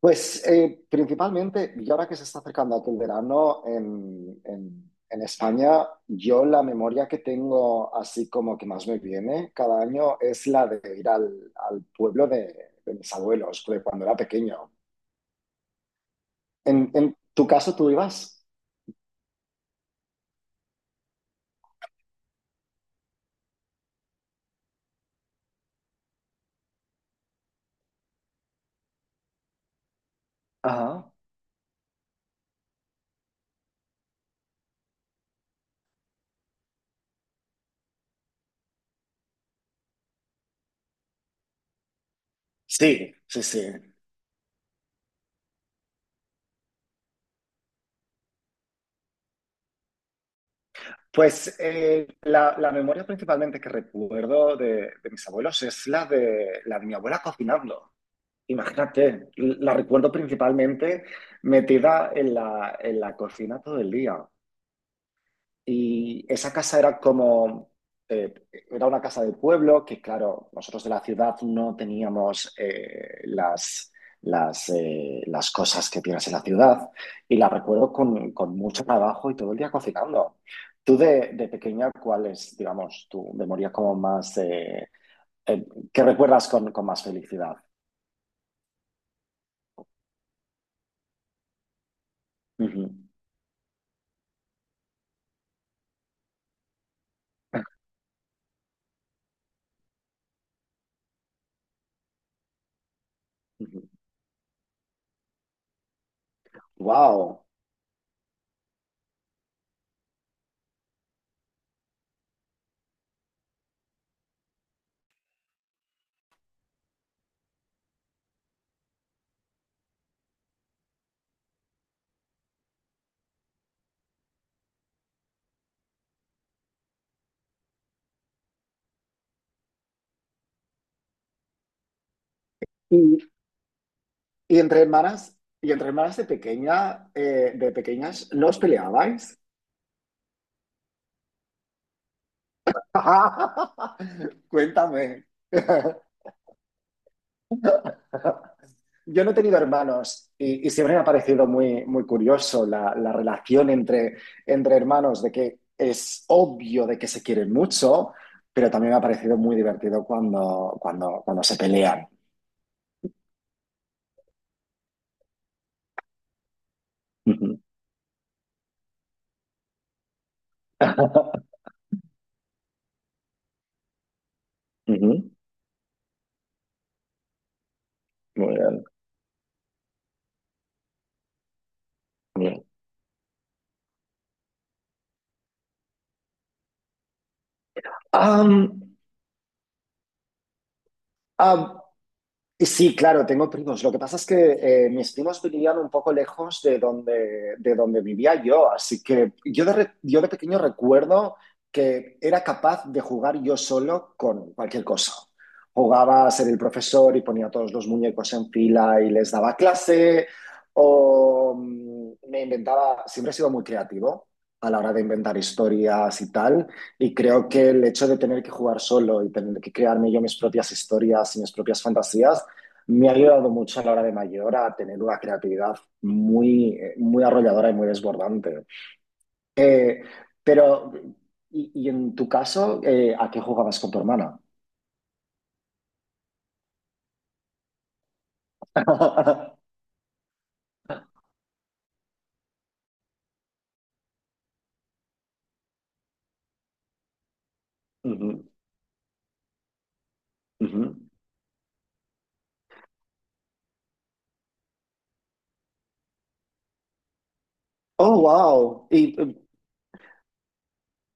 Pues, principalmente, y ahora que se está acercando aquel verano en España, yo la memoria que tengo, así como que más me viene cada año, es la de ir al pueblo de mis abuelos, de cuando era pequeño. En tu caso, ¿tú ibas? Ajá. Sí, sí, sí. Pues, la memoria principalmente que recuerdo de mis abuelos es la de mi abuela cocinando. Imagínate, la recuerdo principalmente metida en la cocina todo el día. Y esa casa era como, eh, era una casa de pueblo que, claro, nosotros de la ciudad no teníamos las cosas que tienes en la ciudad. Y la recuerdo con mucho trabajo y todo el día cocinando. Tú de pequeña, ¿cuál es, digamos, tu memoria como más, eh, que recuerdas con más felicidad? Ujú. Wow. Y, y entre hermanas, y entre hermanas de pequeñas, ¿no os peleabais? Cuéntame. Yo no he tenido hermanos y siempre me ha parecido muy, muy curioso la relación entre hermanos, de que es obvio de que se quieren mucho, pero también me ha parecido muy divertido cuando se pelean. Ujú. Ujú. Muy bien, muy bien. Am, am, Y sí, claro, tengo primos. Lo que pasa es que mis primos vivían un poco lejos de donde, vivía yo, así que yo de pequeño recuerdo que era capaz de jugar yo solo con cualquier cosa. Jugaba a ser el profesor y ponía todos los muñecos en fila y les daba clase, o me inventaba, siempre he sido muy creativo a la hora de inventar historias y tal. Y creo que el hecho de tener que jugar solo y tener que crearme yo mis propias historias y mis propias fantasías me ha ayudado mucho a la hora de mayor a tener una creatividad muy, muy arrolladora y muy desbordante. Eh, pero, y en tu caso, ¿a qué jugabas con tu hermana? Ujú, ujú. Oh, wow. Y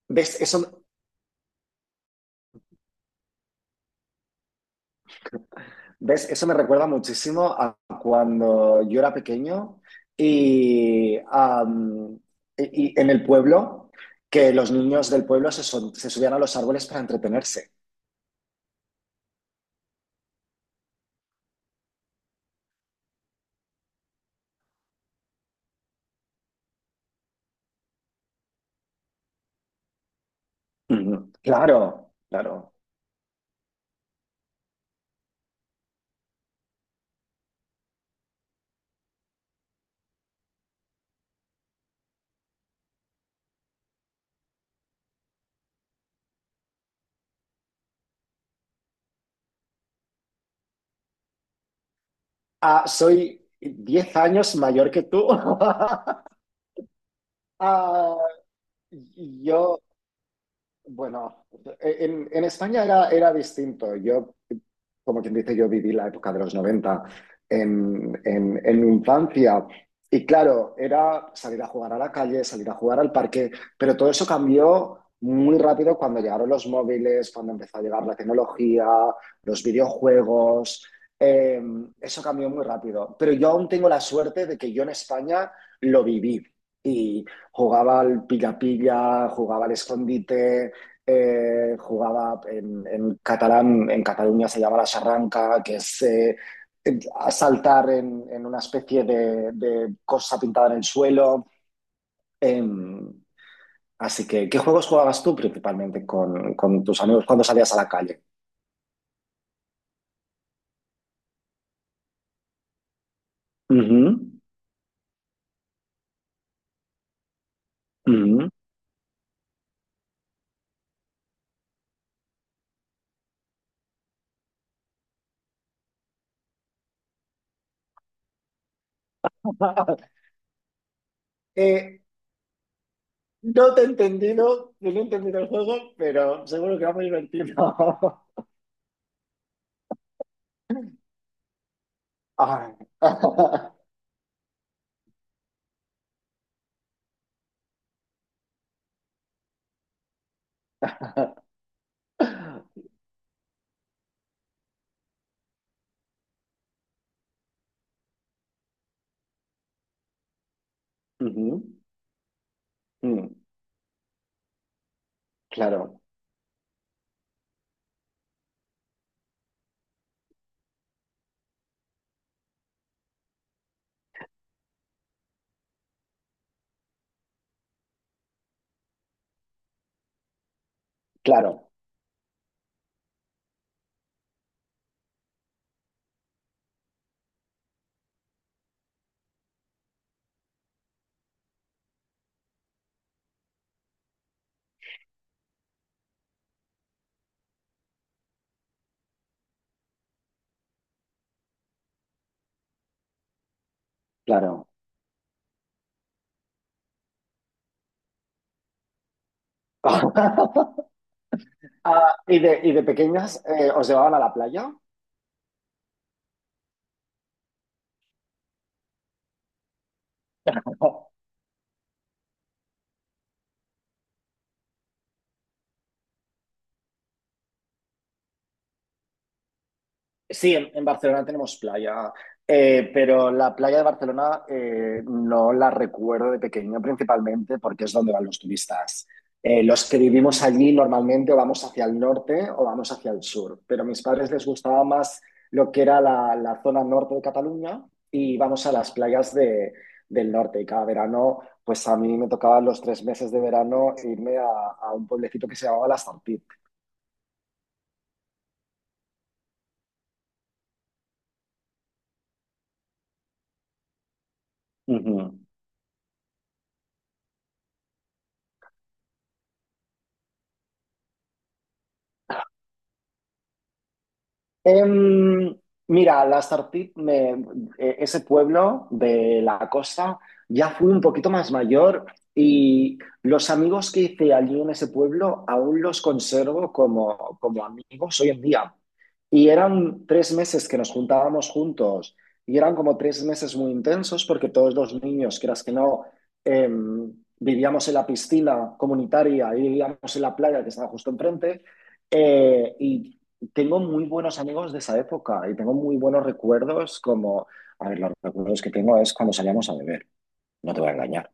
ves, eso, ves, eso me recuerda muchísimo a cuando yo era pequeño y, am, y en el pueblo, que los niños del pueblo se subían a los árboles para entretenerse. Ujú. Claro, claro. Ah, soy 10 años mayor que tú. Ah, yo, bueno, en España era distinto. Yo, como quien dice, yo viví la época de los 90 en mi infancia. Y claro, era salir a jugar a la calle, salir a jugar al parque, pero todo eso cambió muy rápido cuando llegaron los móviles, cuando empezó a llegar la tecnología, los videojuegos. eh, Eso cambió muy rápido. Pero yo aún tengo la suerte de que yo en España lo viví y jugaba al pilla-pilla, jugaba al escondite, jugaba en catalán, en Cataluña se llama la charranca, que es saltar en una especie de cosa pintada en el suelo. Eh, Así que, ¿qué juegos jugabas tú principalmente con tus amigos cuando salías a la calle? Uh -huh, uh no te he entendido, no he entendido el juego, pero seguro que va muy divertido. Ah. uh -huh. Mm, claro, claro. Claro. Ah, y de pequeñas os llevaban a la playa? Sí, en Barcelona tenemos playa, pero la playa de Barcelona no la recuerdo de pequeño principalmente porque es donde van los turistas. Los que vivimos allí normalmente o vamos hacia el norte o vamos hacia el sur, pero a mis padres les gustaba más lo que era la zona norte de Cataluña y vamos a las playas del norte. Y cada verano, pues a mí me tocaba los 3 meses de verano irme a un pueblecito que se llamaba La Sartit. Ujú. Em, Mira, ese pueblo de la costa, ya fui un poquito más mayor y los amigos que hice allí en ese pueblo aún los conservo como amigos hoy en día. Y eran 3 meses que nos juntábamos juntos y eran como 3 meses muy intensos porque todos los niños, quieras que no, em, vivíamos en la piscina comunitaria y vivíamos en la playa que estaba justo enfrente. Y tengo muy buenos amigos de esa época y tengo muy buenos recuerdos como, a ver, los recuerdos que tengo es cuando salíamos a beber, no te voy a engañar.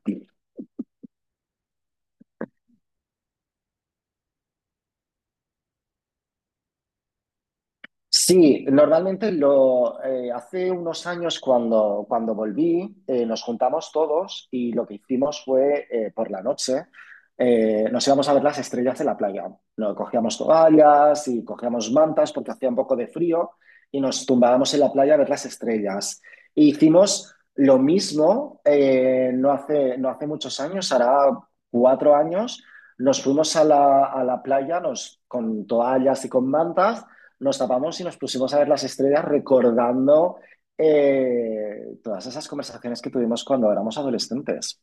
Sí, normalmente lo hace unos años cuando volví, nos juntamos todos y lo que hicimos fue por la noche nos íbamos a ver las estrellas en la playa. No, cogíamos toallas y cogíamos mantas porque hacía un poco de frío y nos tumbábamos en la playa a ver las estrellas. E hicimos lo mismo, no hace muchos años, hará 4 años, nos fuimos a a la playa con toallas y con mantas nos tapamos y nos pusimos a ver las estrellas recordando todas esas conversaciones que tuvimos cuando éramos adolescentes.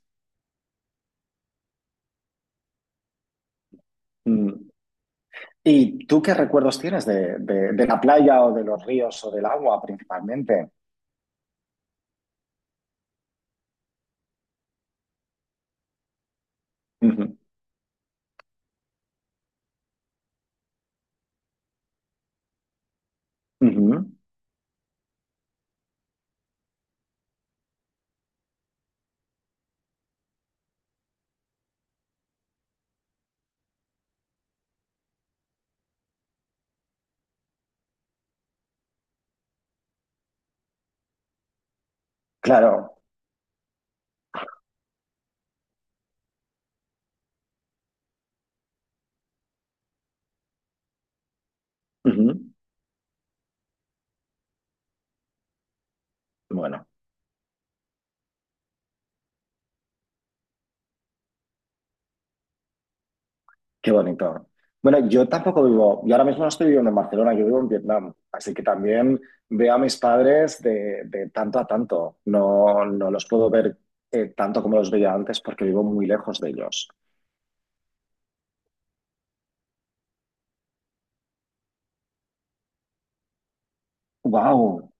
Mm. ¿Y tú qué recuerdos tienes de la playa o de los ríos o del agua principalmente? Uh -huh. Uh -huh. Claro. Uh -huh. Bueno. Qué bonito. Bueno, yo tampoco vivo, yo ahora mismo no estoy viviendo en Barcelona, yo vivo en Vietnam, así que también veo a mis padres de tanto a tanto. No, no los puedo ver tanto como los veía antes porque vivo muy lejos de ellos. Wow.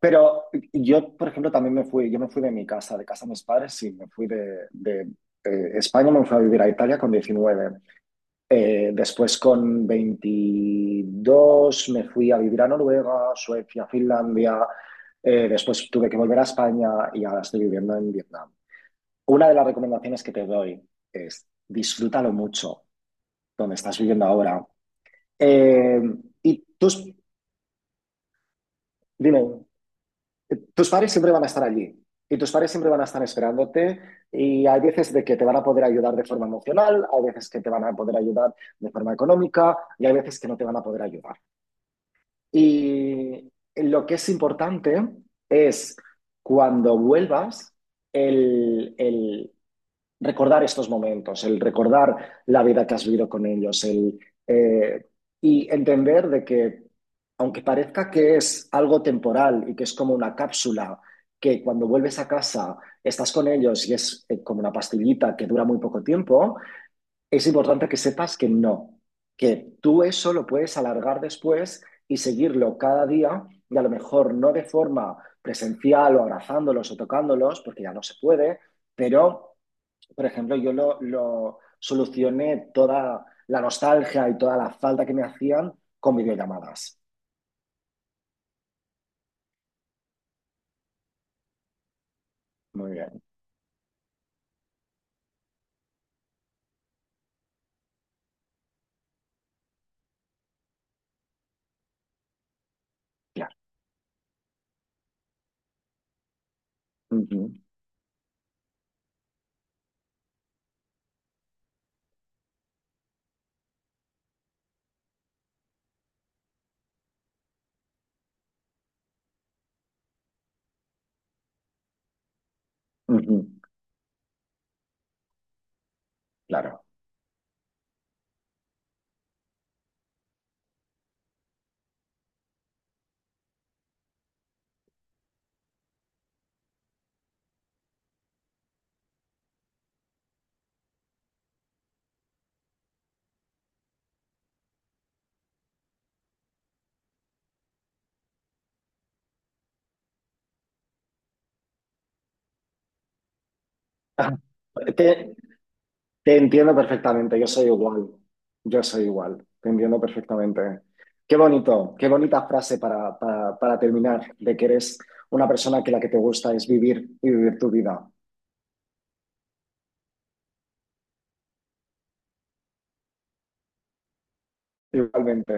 Pero yo, por ejemplo, también me fui, yo me fui de mi casa de mis padres, sí, me fui de España, me fui a vivir a Italia con 19. Después con 22 me fui a vivir a Noruega, Suecia, Finlandia. Después tuve que volver a España y ahora estoy viviendo en Vietnam. Una de las recomendaciones que te doy es disfrútalo mucho donde estás viviendo ahora. Eh, y tus, Dime, tus padres siempre van a estar allí y tus padres siempre van a estar esperándote, y hay veces de que te van a poder ayudar de forma emocional, hay veces que te van a poder ayudar de forma económica y hay veces que no te van a poder ayudar. Y lo que es importante es, cuando vuelvas, el recordar estos momentos, el recordar la vida que has vivido con ellos, eh, y entender de que, aunque parezca que es algo temporal y que es como una cápsula, que cuando vuelves a casa estás con ellos y es como una pastillita que dura muy poco tiempo, es importante que sepas que no, que tú eso lo puedes alargar después y seguirlo cada día, y a lo mejor no de forma presencial o abrazándolos o tocándolos, porque ya no se puede, pero, por ejemplo, yo lo solucioné toda la nostalgia y toda la falta que me hacían con videollamadas. Muy bien, claro. Ujú, ujú, claro. Te- Te entiendo perfectamente, yo soy igual, te entiendo perfectamente. Qué bonito, qué bonita frase para terminar, de que eres una persona que la que te gusta es vivir y vivir tu vida. Igualmente.